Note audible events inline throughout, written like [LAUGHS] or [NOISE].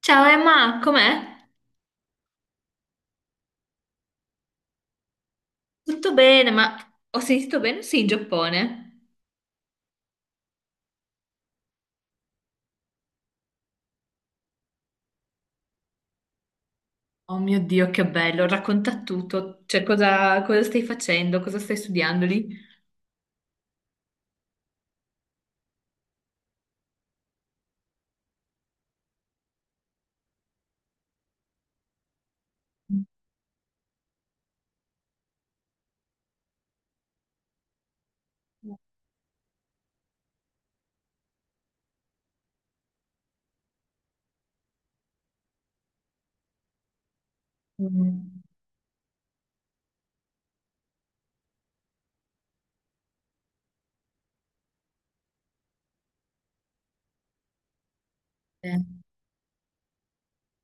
Ciao Emma, com'è? Tutto bene, ma ho sentito bene? Sì, in Giappone. Oh mio Dio, che bello, racconta tutto. Cioè, cosa stai facendo? Cosa stai studiando lì? Mm. Eh,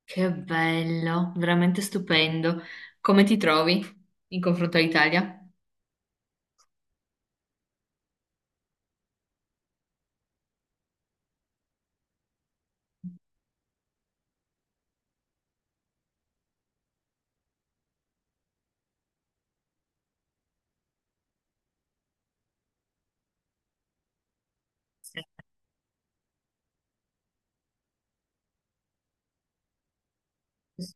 Che bello, veramente stupendo. Come ti trovi in confronto all'Italia? Sì.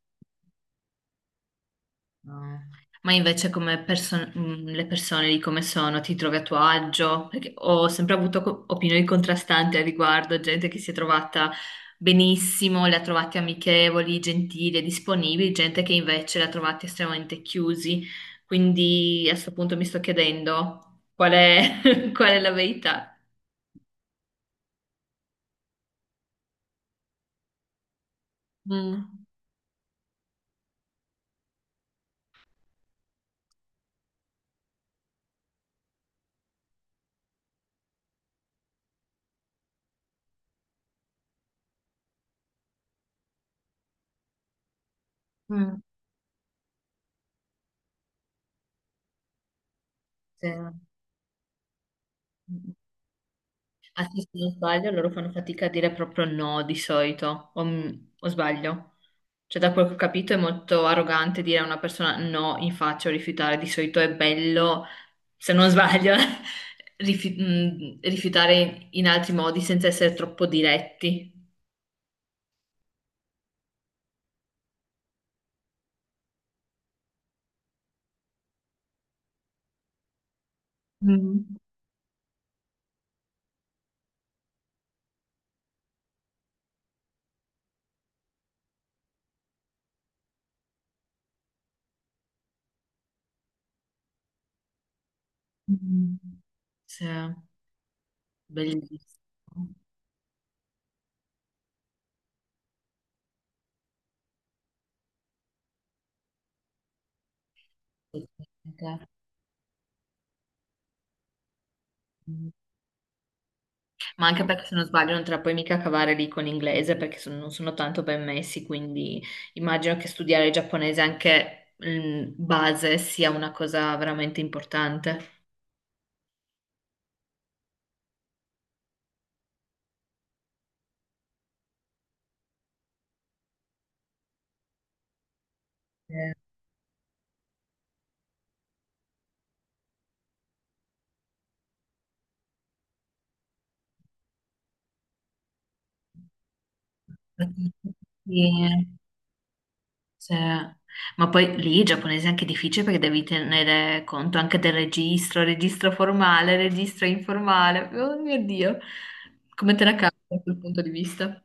No. Ma invece le persone lì come sono, ti trovi a tuo agio? Perché ho sempre avuto opinioni contrastanti al riguardo, gente che si è trovata benissimo, le ha trovate amichevoli, gentili e disponibili, gente che invece le ha trovate estremamente chiusi. Quindi a questo punto mi sto chiedendo [LAUGHS] qual è la verità. Mm. Mm. Sì. Ah, sì, se non sbaglio, loro fanno fatica a dire proprio no di solito, o sbaglio? Cioè, da quel che ho capito è molto arrogante dire a una persona no in faccia o rifiutare, di solito è bello, se non sbaglio, [LAUGHS] rifiutare in altri modi senza essere troppo diretti. Mm. Mm. Sì, bellissimo. Ma anche perché se non sbaglio non te la puoi mica cavare lì con l'inglese perché non sono tanto ben messi, quindi immagino che studiare il giapponese anche in base sia una cosa veramente importante. Eh, sì, sì. Ma poi lì il giapponese è anche difficile perché devi tenere conto anche del registro, registro formale, registro informale. Oh mio Dio, come te la cavi da quel punto di vista?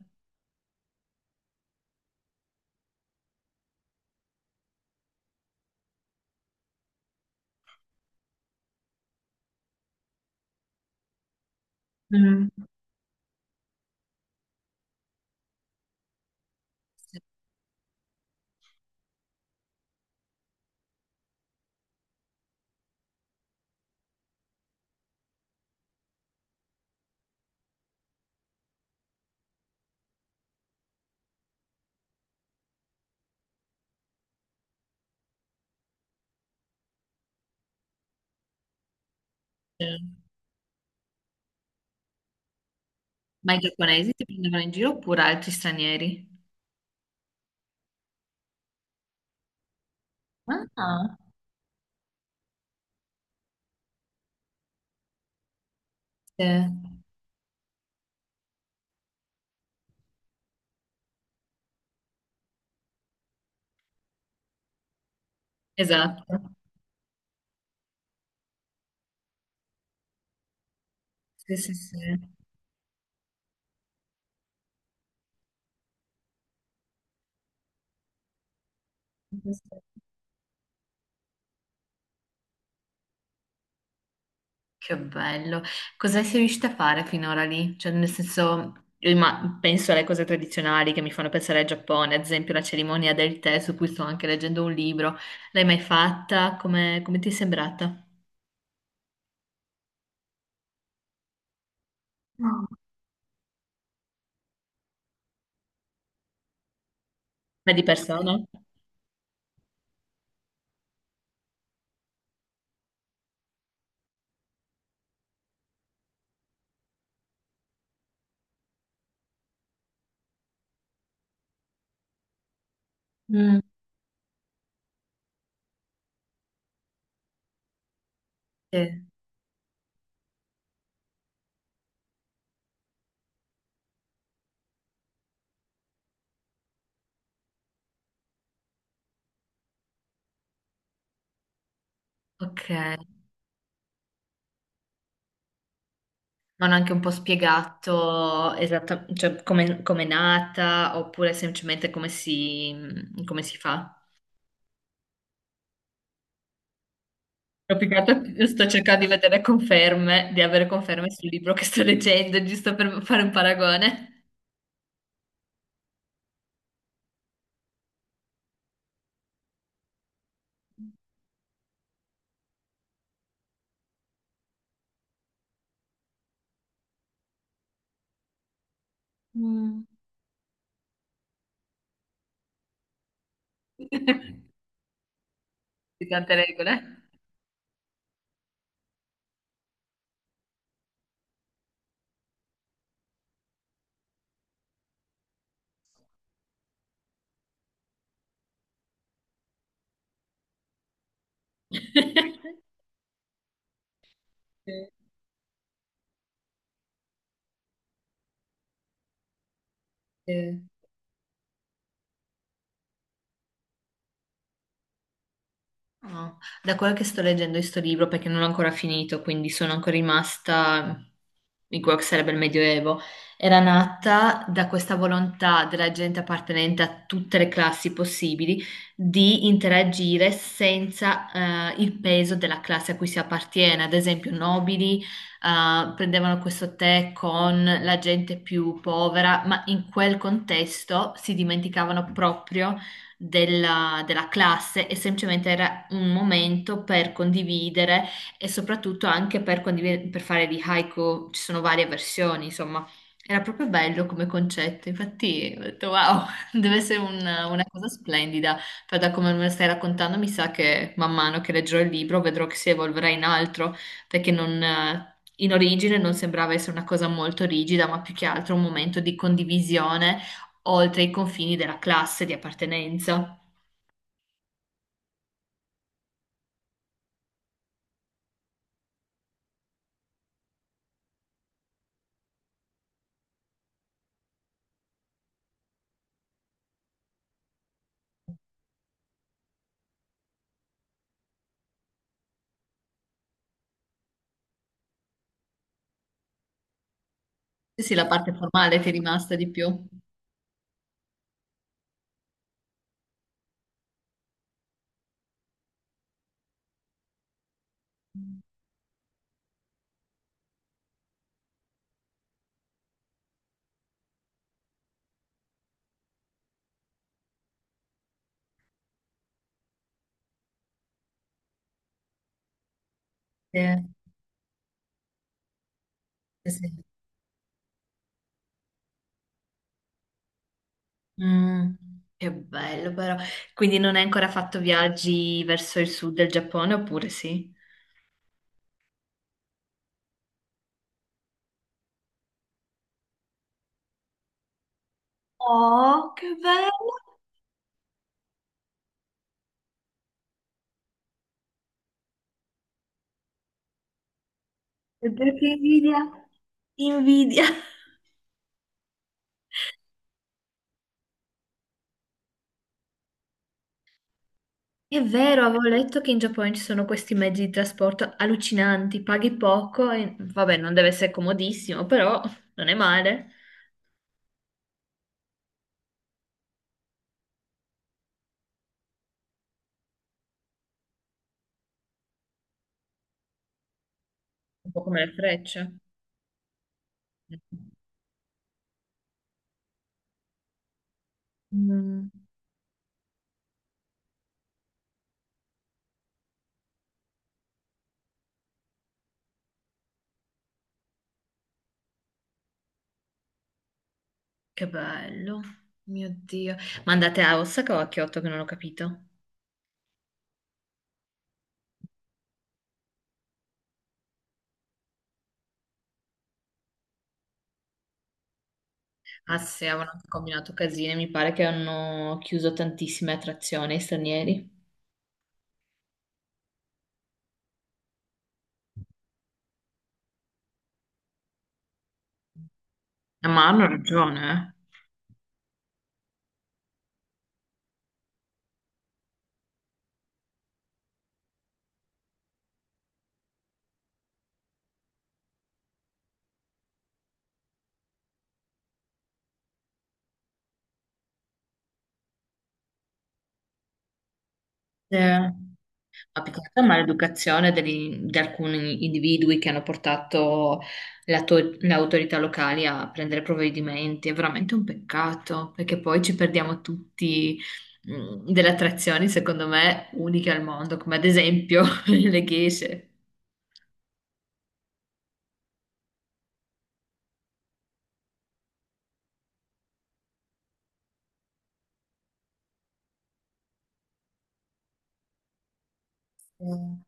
Mm. Sì. Ma i giapponesi ti prendevano in giro oppure altri stranieri? Ah, sì, esatto. Sì, sì, sì. Che bello. Cosa sei riuscita a fare finora lì? Cioè, nel senso, penso alle cose tradizionali che mi fanno pensare al Giappone, ad esempio la cerimonia del tè, su cui sto anche leggendo un libro. L'hai mai fatta? Come ti è sembrata? No. Ma di persona? Mm. Sì. Ok. Mi hanno anche un po' spiegato cioè, come è nata oppure semplicemente come si fa. Ho piccato- sto cercando di vedere conferme, di avere conferme sul libro che sto leggendo, giusto per fare un paragone. Mm. [LAUGHS] Di tante regole. [LAUGHS] Sì. Sì. No, da quello che sto leggendo questo libro, perché non l'ho ancora finito, quindi sono ancora rimasta in quello che sarebbe il Medioevo, era nata da questa volontà della gente appartenente a tutte le classi possibili di interagire senza il peso della classe a cui si appartiene. Ad esempio, nobili prendevano questo tè con la gente più povera, ma in quel contesto si dimenticavano proprio della classe e semplicemente era un momento per condividere e soprattutto anche per condividere, per fare di haiku, ci sono varie versioni, insomma, era proprio bello come concetto, infatti ho detto wow, [LAUGHS] deve essere una cosa splendida, però da come me lo stai raccontando mi sa che man mano che leggerò il libro vedrò che si evolverà in altro, perché non, in origine non sembrava essere una cosa molto rigida, ma più che altro un momento di condivisione oltre i confini della classe di appartenenza. Sì, sì, la parte formale ti è rimasta di più. Sì, sì, sì. Mm, che bello però. Quindi non hai ancora fatto viaggi verso il sud del Giappone, oppure sì? Oh, che bello! E perché invidia? Invidia! È vero, avevo letto che in Giappone ci sono questi mezzi di trasporto allucinanti, paghi poco e vabbè, non deve essere comodissimo, però non è male, un po' come le frecce. Mm. Che bello, mio Dio. Ma andate a Osaka o a Kyoto che non ho capito? Ah sì, avevano anche combinato casine, mi pare che hanno chiuso tantissime attrazioni ai stranieri. Ma hanno ragione, eh. Ma più che altro è maleducazione di alcuni individui che hanno portato le autorità locali a prendere provvedimenti. È veramente un peccato, perché poi ci perdiamo tutti delle attrazioni, secondo me, uniche al mondo, come ad esempio [LAUGHS] le geishe. Mm.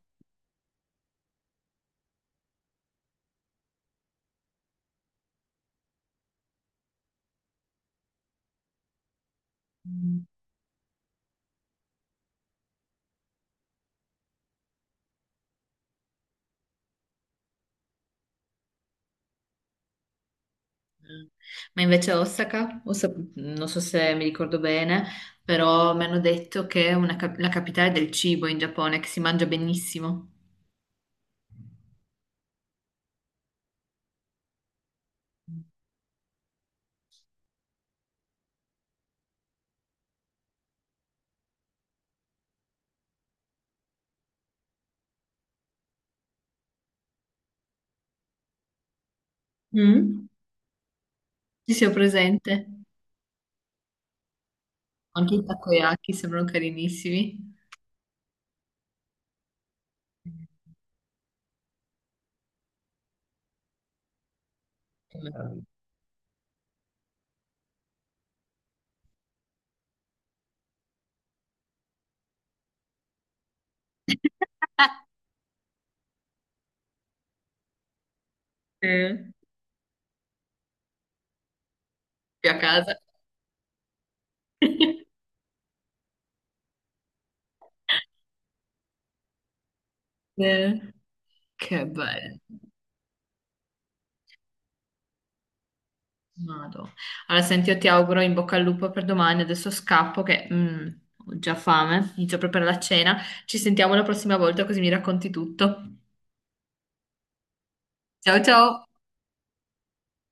Ma invece a Osaka, non so se mi ricordo bene, però mi hanno detto che è la capitale del cibo in Giappone, che si mangia benissimo. Mm? Ci sia presente? Anche i takoyaki sembrano carinissimi. Eh, [LAUGHS] Eh, Qui a casa. [LAUGHS] Eh, Che bello. Vado. Allora, senti, io ti auguro in bocca al lupo per domani. Adesso scappo che ho già fame, inizio proprio per la cena. Ci sentiamo la prossima volta così mi racconti tutto. Ciao ciao!